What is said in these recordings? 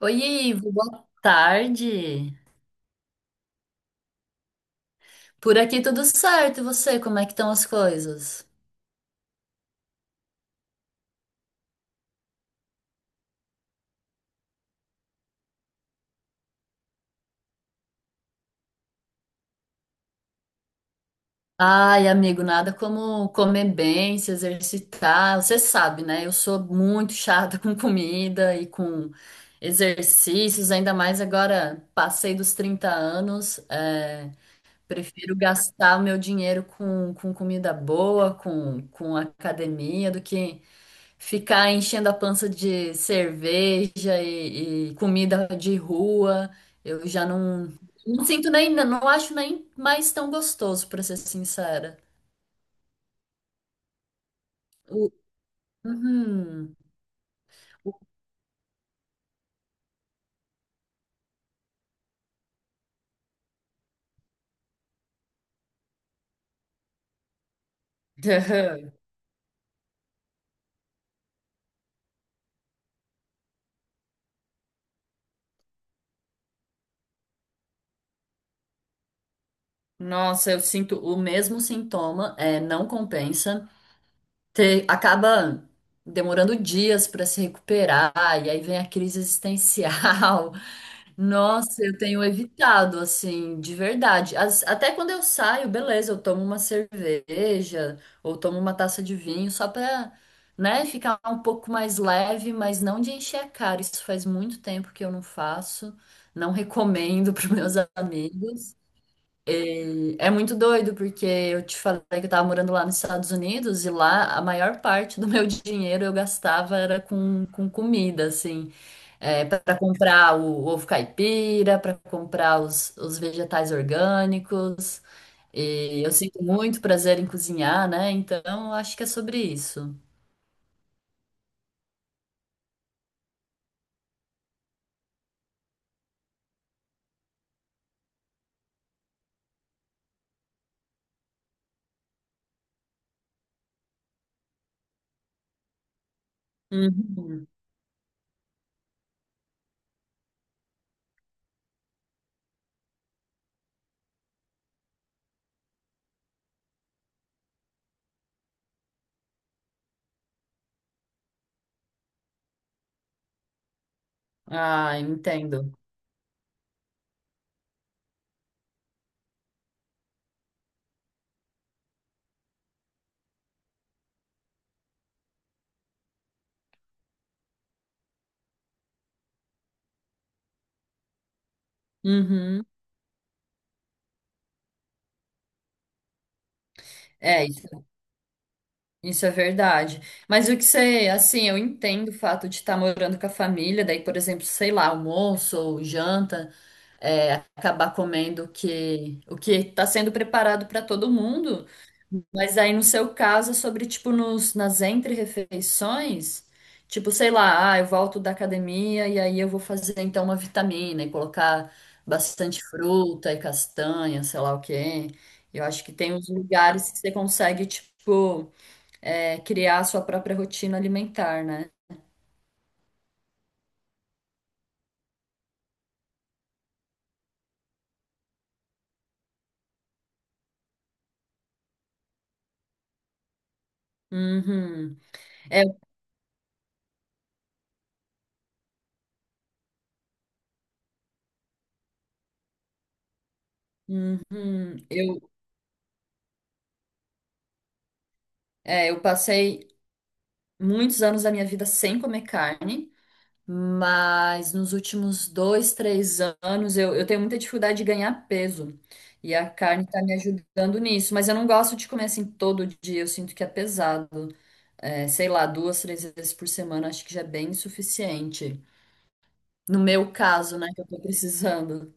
Oi, Ivo, boa tarde. Por aqui tudo certo, e você, como é que estão as coisas? Ai, amigo, nada como comer bem, se exercitar. Você sabe, né? Eu sou muito chata com comida e com exercícios, ainda mais agora passei dos 30 anos. Prefiro gastar o meu dinheiro com comida boa, com academia, do que ficar enchendo a pança de cerveja e comida de rua. Eu já não, Não sinto nem, não acho nem mais tão gostoso, pra ser sincera. O. Uhum. O. Nossa, eu sinto o mesmo sintoma, é, não compensa. Acaba demorando dias para se recuperar, e aí vem a crise existencial. Nossa, eu tenho evitado, assim, de verdade. Até quando eu saio, beleza, eu tomo uma cerveja ou tomo uma taça de vinho só para, né, ficar um pouco mais leve, mas não de encher a cara. Isso faz muito tempo que eu não faço. Não recomendo para meus amigos. E é muito doido, porque eu te falei que eu tava morando lá nos Estados Unidos e lá a maior parte do meu dinheiro eu gastava era com comida, assim, é, para comprar o ovo caipira, para comprar os vegetais orgânicos. E eu sinto muito prazer em cozinhar, né? Então eu acho que é sobre isso. Uhum. Ah, entendo. Uhum. É, isso é verdade. Mas o que você, assim, eu entendo o fato de estar morando com a família, daí, por exemplo, sei lá, almoço ou janta, é, acabar comendo o que está sendo preparado para todo mundo. Mas aí, no seu caso, é sobre, tipo, nos, nas entre-refeições, tipo, sei lá, ah, eu volto da academia e aí eu vou fazer, então, uma vitamina e colocar bastante fruta e castanha, sei lá o quê. Eu acho que tem uns lugares que você consegue, tipo é, criar a sua própria rotina alimentar, né? Uhum. É, eu, é, eu passei muitos anos da minha vida sem comer carne, mas nos últimos dois, três anos eu tenho muita dificuldade de ganhar peso. E a carne tá me ajudando nisso, mas eu não gosto de comer assim todo dia, eu sinto que é pesado. É, sei lá, duas, três vezes por semana acho que já é bem suficiente. No meu caso, né, que eu tô precisando.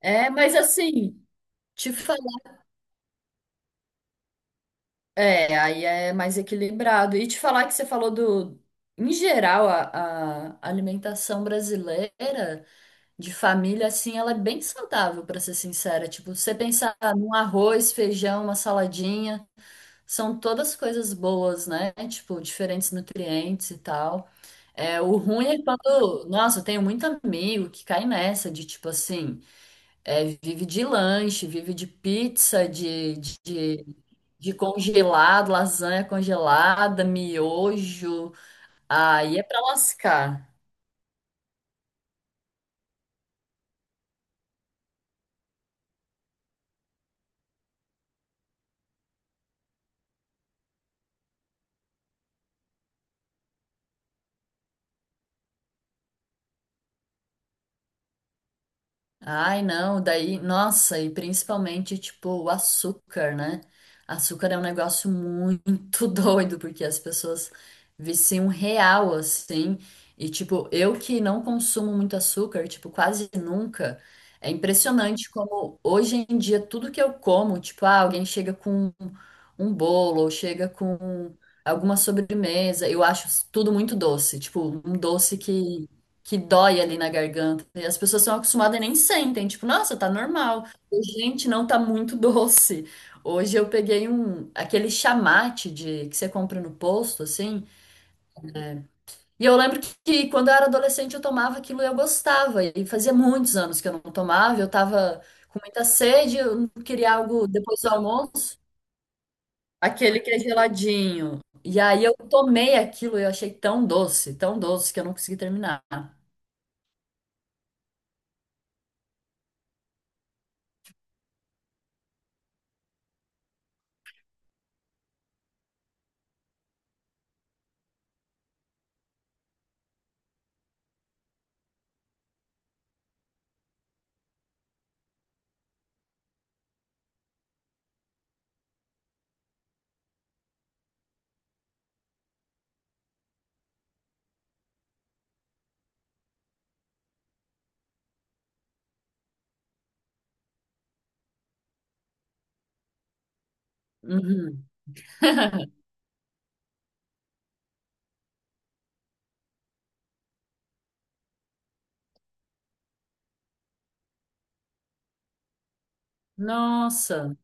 É, mas assim, te falar. É, aí é mais equilibrado. E te falar que você falou do. Em geral, a alimentação brasileira de família, assim, ela é bem saudável, pra ser sincera. Tipo, você pensar num arroz, feijão, uma saladinha, são todas coisas boas, né? Tipo, diferentes nutrientes e tal. É, o ruim é quando. Nossa, eu tenho muito amigo que cai nessa de tipo assim. É, vive de lanche, vive de pizza, de, de congelado, lasanha congelada, miojo. Aí é pra lascar. Ai, não, daí, nossa, e principalmente, tipo, o açúcar, né? Açúcar é um negócio muito doido, porque as pessoas viciam real, assim. E, tipo, eu que não consumo muito açúcar, tipo, quase nunca, é impressionante como hoje em dia tudo que eu como, tipo, ah, alguém chega com um bolo, ou chega com alguma sobremesa, eu acho tudo muito doce, tipo, um doce que dói ali na garganta. E as pessoas são acostumadas e nem sentem, tipo, nossa, tá normal. Gente, não tá muito doce. Hoje eu peguei um aquele chamate de que você compra no posto assim. E eu lembro que quando eu era adolescente eu tomava aquilo e eu gostava. E fazia muitos anos que eu não tomava, eu tava com muita sede, eu não queria algo depois do almoço, aquele que é geladinho. E aí eu tomei aquilo e eu achei tão doce que eu não consegui terminar. Uhum. Nossa.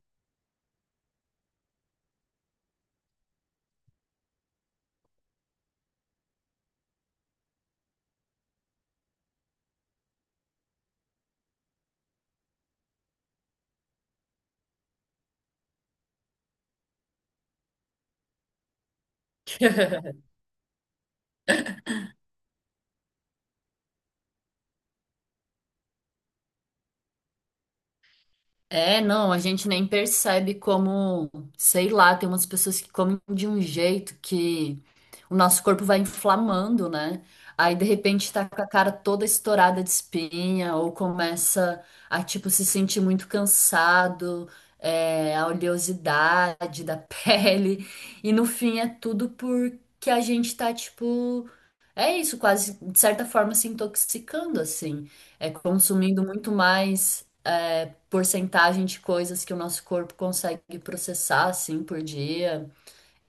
É, não, a gente nem percebe como, sei lá, tem umas pessoas que comem de um jeito que o nosso corpo vai inflamando, né? Aí de repente tá com a cara toda estourada de espinha, ou começa a tipo se sentir muito cansado, é, a oleosidade da pele, e no fim é tudo porque a gente tá tipo. É isso, quase de certa forma se intoxicando, assim, é consumindo muito mais é, porcentagem de coisas que o nosso corpo consegue processar, assim, por dia.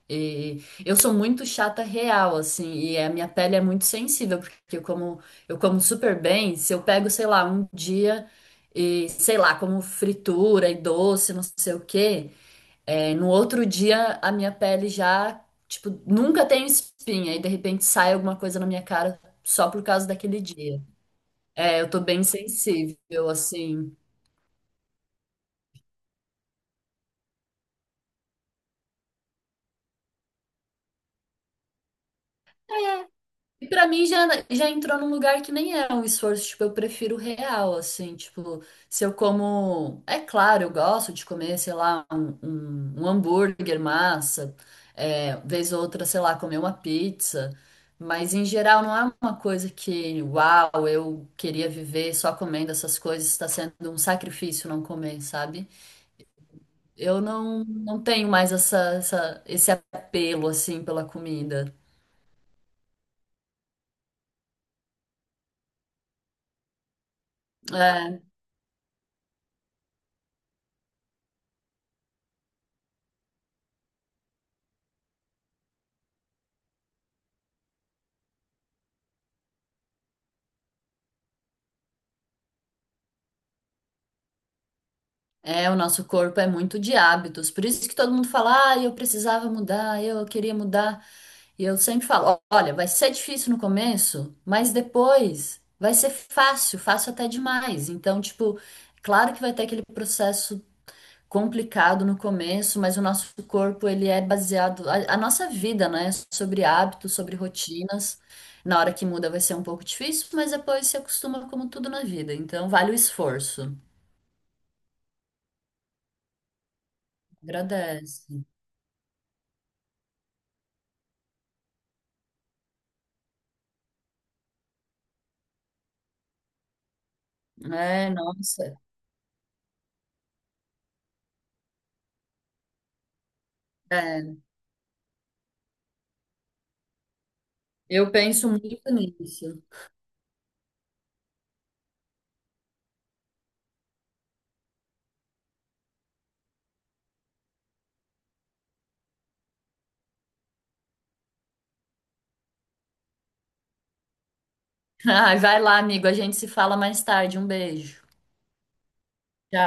E eu sou muito chata real, assim, e a minha pele é muito sensível, porque eu como super bem, se eu pego, sei lá, um dia e, sei lá, como fritura e doce, não sei o quê. É, no outro dia, a minha pele já, tipo, nunca tenho espinha e de repente sai alguma coisa na minha cara só por causa daquele dia. É, eu tô bem sensível, assim. E pra mim já, já entrou num lugar que nem era um esforço, tipo, eu prefiro real, assim, tipo, se eu como. É claro, eu gosto de comer, sei lá, um hambúrguer, massa, é, vez ou outra, sei lá, comer uma pizza, mas em geral não é uma coisa que, uau, eu queria viver só comendo essas coisas, está sendo um sacrifício não comer, sabe? Eu não, Não tenho mais esse apelo, assim, pela comida. É, é, o nosso corpo é muito de hábitos. Por isso que todo mundo fala, ah, eu precisava mudar, eu queria mudar. E eu sempre falo, "Ó, olha, vai ser difícil no começo, mas depois vai ser fácil, fácil até demais. Então, tipo, claro que vai ter aquele processo complicado no começo, mas o nosso corpo, ele é baseado, a nossa vida, né, é sobre hábitos, sobre rotinas. Na hora que muda vai ser um pouco difícil, mas depois se acostuma como tudo na vida. Então, vale o esforço. Agradece. É, nossa. É, eu penso muito nisso. Ai, vai lá, amigo. A gente se fala mais tarde. Um beijo. Tchau.